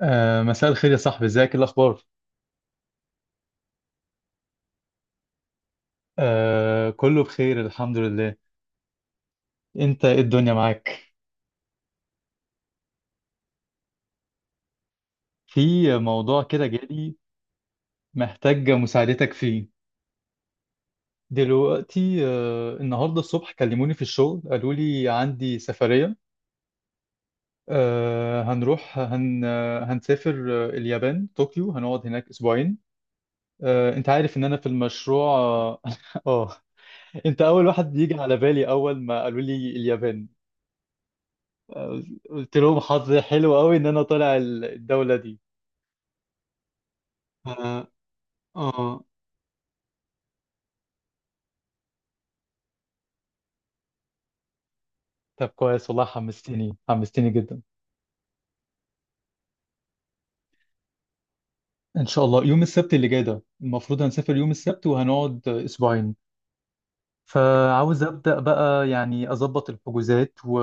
مساء الخير يا صاحبي، ازيك؟ إيه الاخبار؟ كله بخير الحمد لله. انت إيه الدنيا معاك؟ في موضوع كده جالي محتاج مساعدتك فيه. دلوقتي النهارده الصبح كلموني في الشغل قالوا لي عندي سفرية. هنروح هن آه، هنسافر اليابان طوكيو، هنقعد هناك اسبوعين. انت عارف ان انا في المشروع آه، انت اول واحد يجي على بالي اول ما قالوا لي اليابان. قلت لهم حظي حلو قوي ان انا طالع الدولة دي. اه آه. طب كويس والله، حمستني حمستني جدا. ان شاء الله يوم السبت اللي جاي ده المفروض هنسافر يوم السبت وهنقعد اسبوعين. فعاوز ابدا بقى، يعني اظبط الحجوزات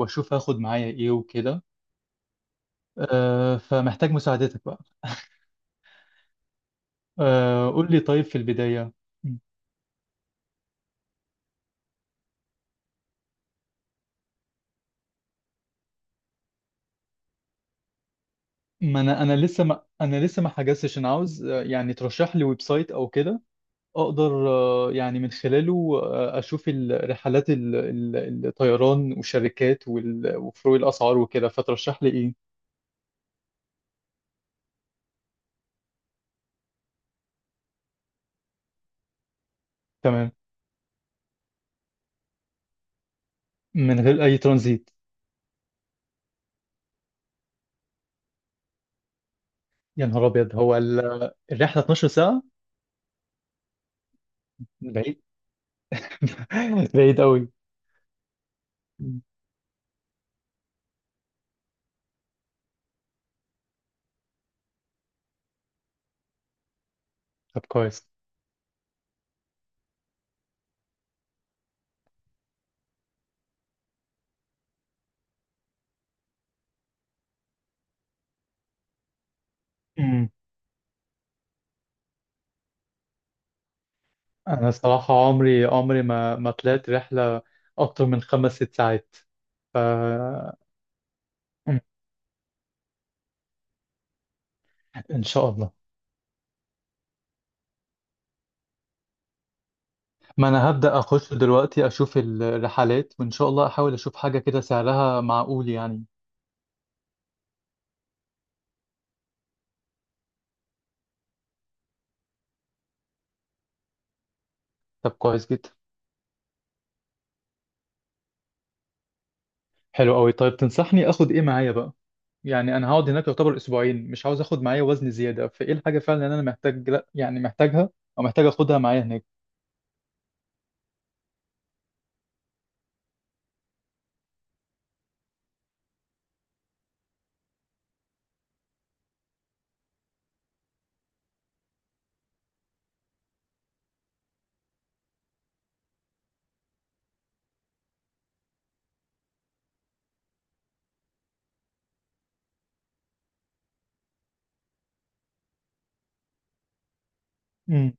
واشوف هاخد معايا ايه وكده. فمحتاج مساعدتك بقى. قول لي، طيب في البداية ما انا لسه ما حجزتش، انا عاوز يعني ترشح لي ويب سايت او كده اقدر يعني من خلاله اشوف الرحلات الطيران والشركات وفروق الاسعار وكده. فترشح لي ايه؟ تمام، من غير اي ترانزيت. يا نهار ابيض، هو الرحله 12 ساعه؟ بعيد. بعيد قوي. طب كويس. مم. انا الصراحه عمري عمري ما طلعت رحله اكتر من خمس ست ساعات. ف مم. ان شاء الله. ما انا هبدأ اخش دلوقتي اشوف الرحلات، وان شاء الله احاول اشوف حاجة كده سعرها معقول يعني. طب كويس جدا. حلو قوي. طيب تنصحني اخد ايه معايا بقى؟ يعني انا هقعد هناك يعتبر اسبوعين، مش عاوز اخد معايا وزن زيادة، فايه الحاجة فعلا اللي انا محتاج، لا يعني محتاجها او محتاج اخدها معايا هناك؟ امم.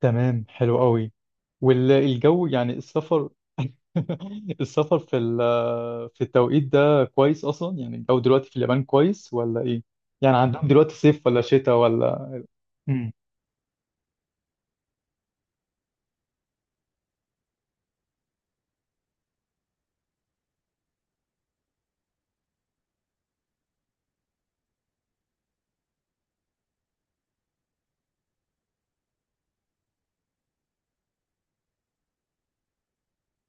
تمام، حلو قوي. والجو يعني، السفر السفر في في التوقيت ده كويس اصلا؟ يعني الجو دلوقتي في اليابان كويس ولا ايه؟ يعني عندهم دلوقتي صيف ولا شتاء ولا؟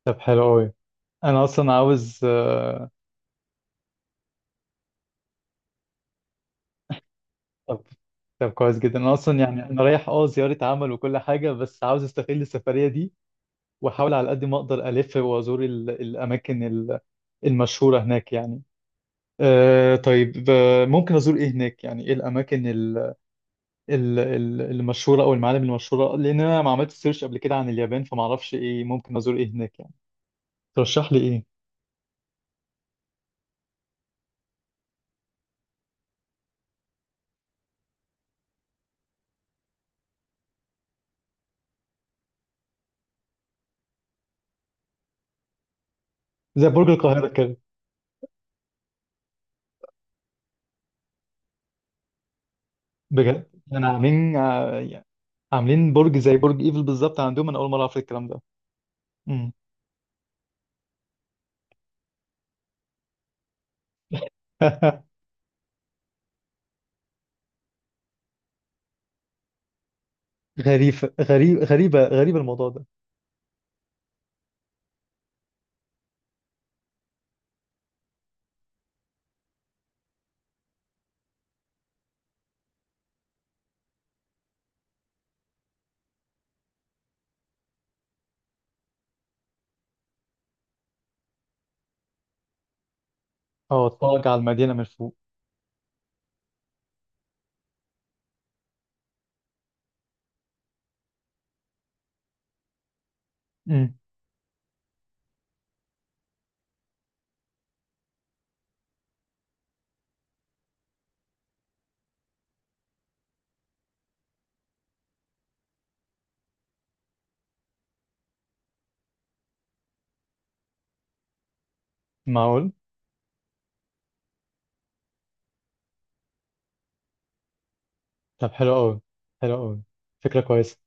طب حلو قوي. انا اصلا عاوز طب طب كويس جدا. انا اصلا يعني، انا رايح زياره عمل وكل حاجه، بس عاوز استغل السفريه دي واحاول على قد ما اقدر الف وازور الاماكن المشهوره هناك يعني. أه طيب ممكن ازور ايه هناك؟ يعني ايه الاماكن المشهوره او المعالم المشهوره؟ لان انا ما عملتش سيرش قبل كده عن اليابان فما اعرفش ايه ممكن ازور ايه هناك يعني. ترشح لي ايه؟ زي برج القاهره كده؟ بجد انا عاملين عاملين برج زي برج ايفل بالظبط عندهم؟ انا اول مره اعرف الكلام ده. امم. غريبه، غريب، غريبه غريبه الموضوع ده. اه، اتفرج على المدينه من فوق. امم. معقول. طب حلو قوي، حلو قوي، فكره كويسه.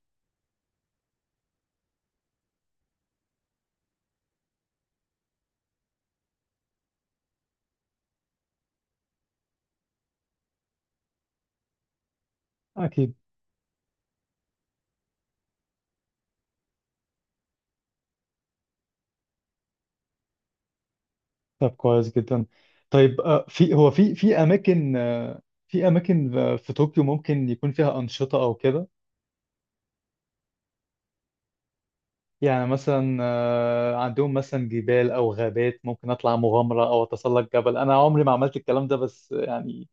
اكيد. طب كويس جدا. طيب في اماكن، في اماكن في طوكيو ممكن يكون فيها انشطه او كده؟ يعني مثلا عندهم مثلا جبال او غابات ممكن اطلع مغامره او اتسلق جبل؟ انا عمري ما عملت الكلام ده بس يعني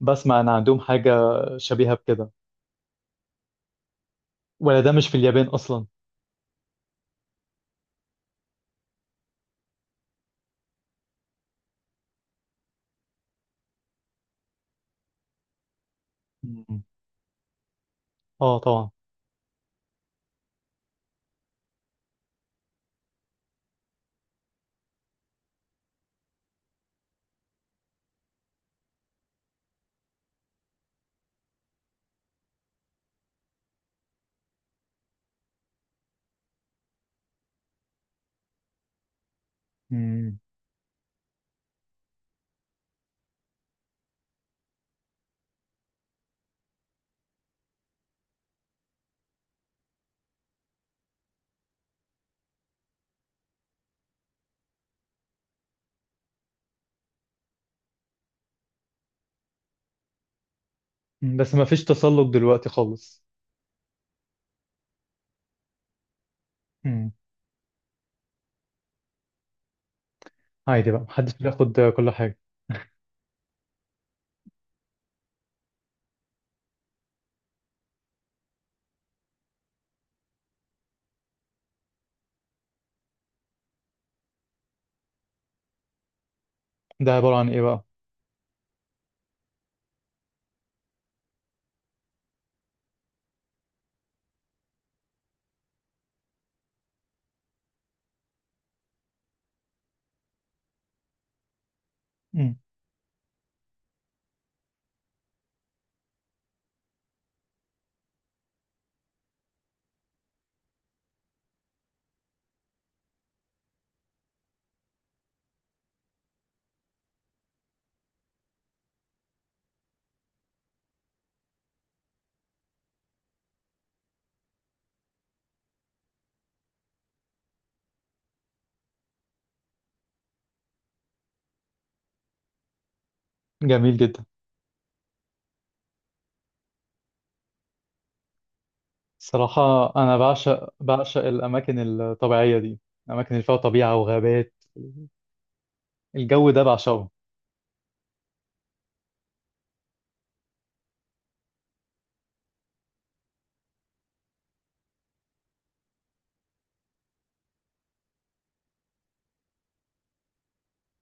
بسمع ان عندهم حاجه شبيهه بكده، ولا ده مش في اليابان اصلا؟ مم. اه طبعا. مم. مم، بس ما فيش تسلق دلوقتي خالص؟ مم. عادي بقى، محدش بياخد كل حاجه. ده عباره عن ايه بقى؟ مم. جميل جدا. صراحه انا بعشق، بعشق الاماكن الطبيعيه دي، الاماكن اللي فيها طبيعه وغابات. الجو ده بعشقه.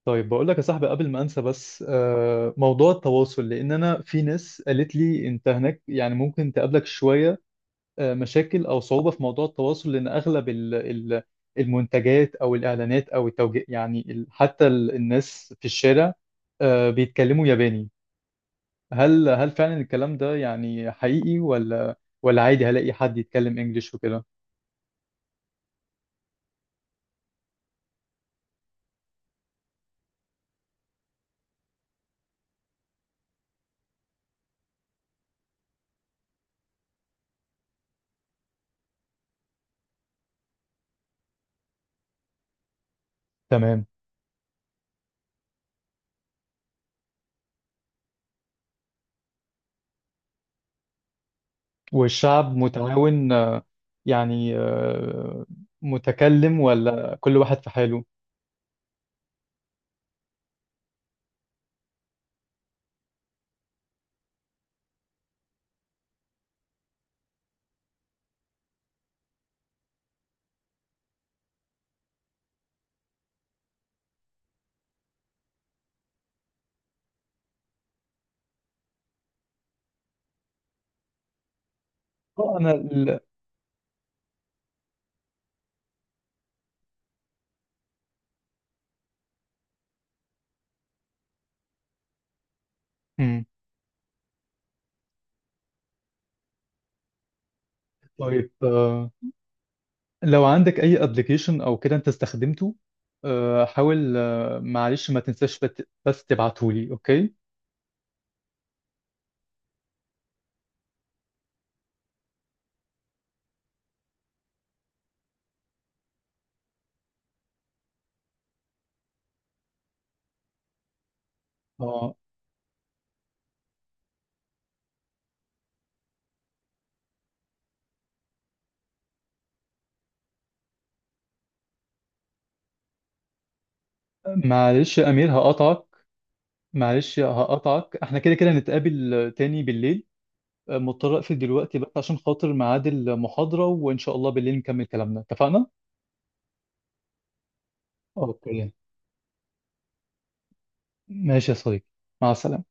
طيب بقول لك يا صاحبي قبل ما انسى بس، موضوع التواصل، لان انا في ناس قالت لي انت هناك يعني ممكن تقابلك شويه مشاكل او صعوبه في موضوع التواصل، لان اغلب المنتجات او الاعلانات او التوجيه يعني حتى الناس في الشارع بيتكلموا ياباني. هل فعلا الكلام ده يعني حقيقي، ولا ولا عادي هلاقي حد يتكلم انجليش وكده؟ تمام. والشعب متعاون يعني متكلم ولا كل واحد في حاله؟ اه انا مم. طيب لو عندك اي ابلكيشن او كده انت استخدمته، حاول معلش ما تنساش بس تبعته لي، اوكي؟ اه. معلش يا امير هقطعك، معلش هقطعك، احنا كده كده نتقابل تاني بالليل، مضطر اقفل دلوقتي بس عشان خاطر ميعاد المحاضرة، وان شاء الله بالليل نكمل كلامنا، اتفقنا؟ اوكي. ماشي يا صديقي، مع السلامة.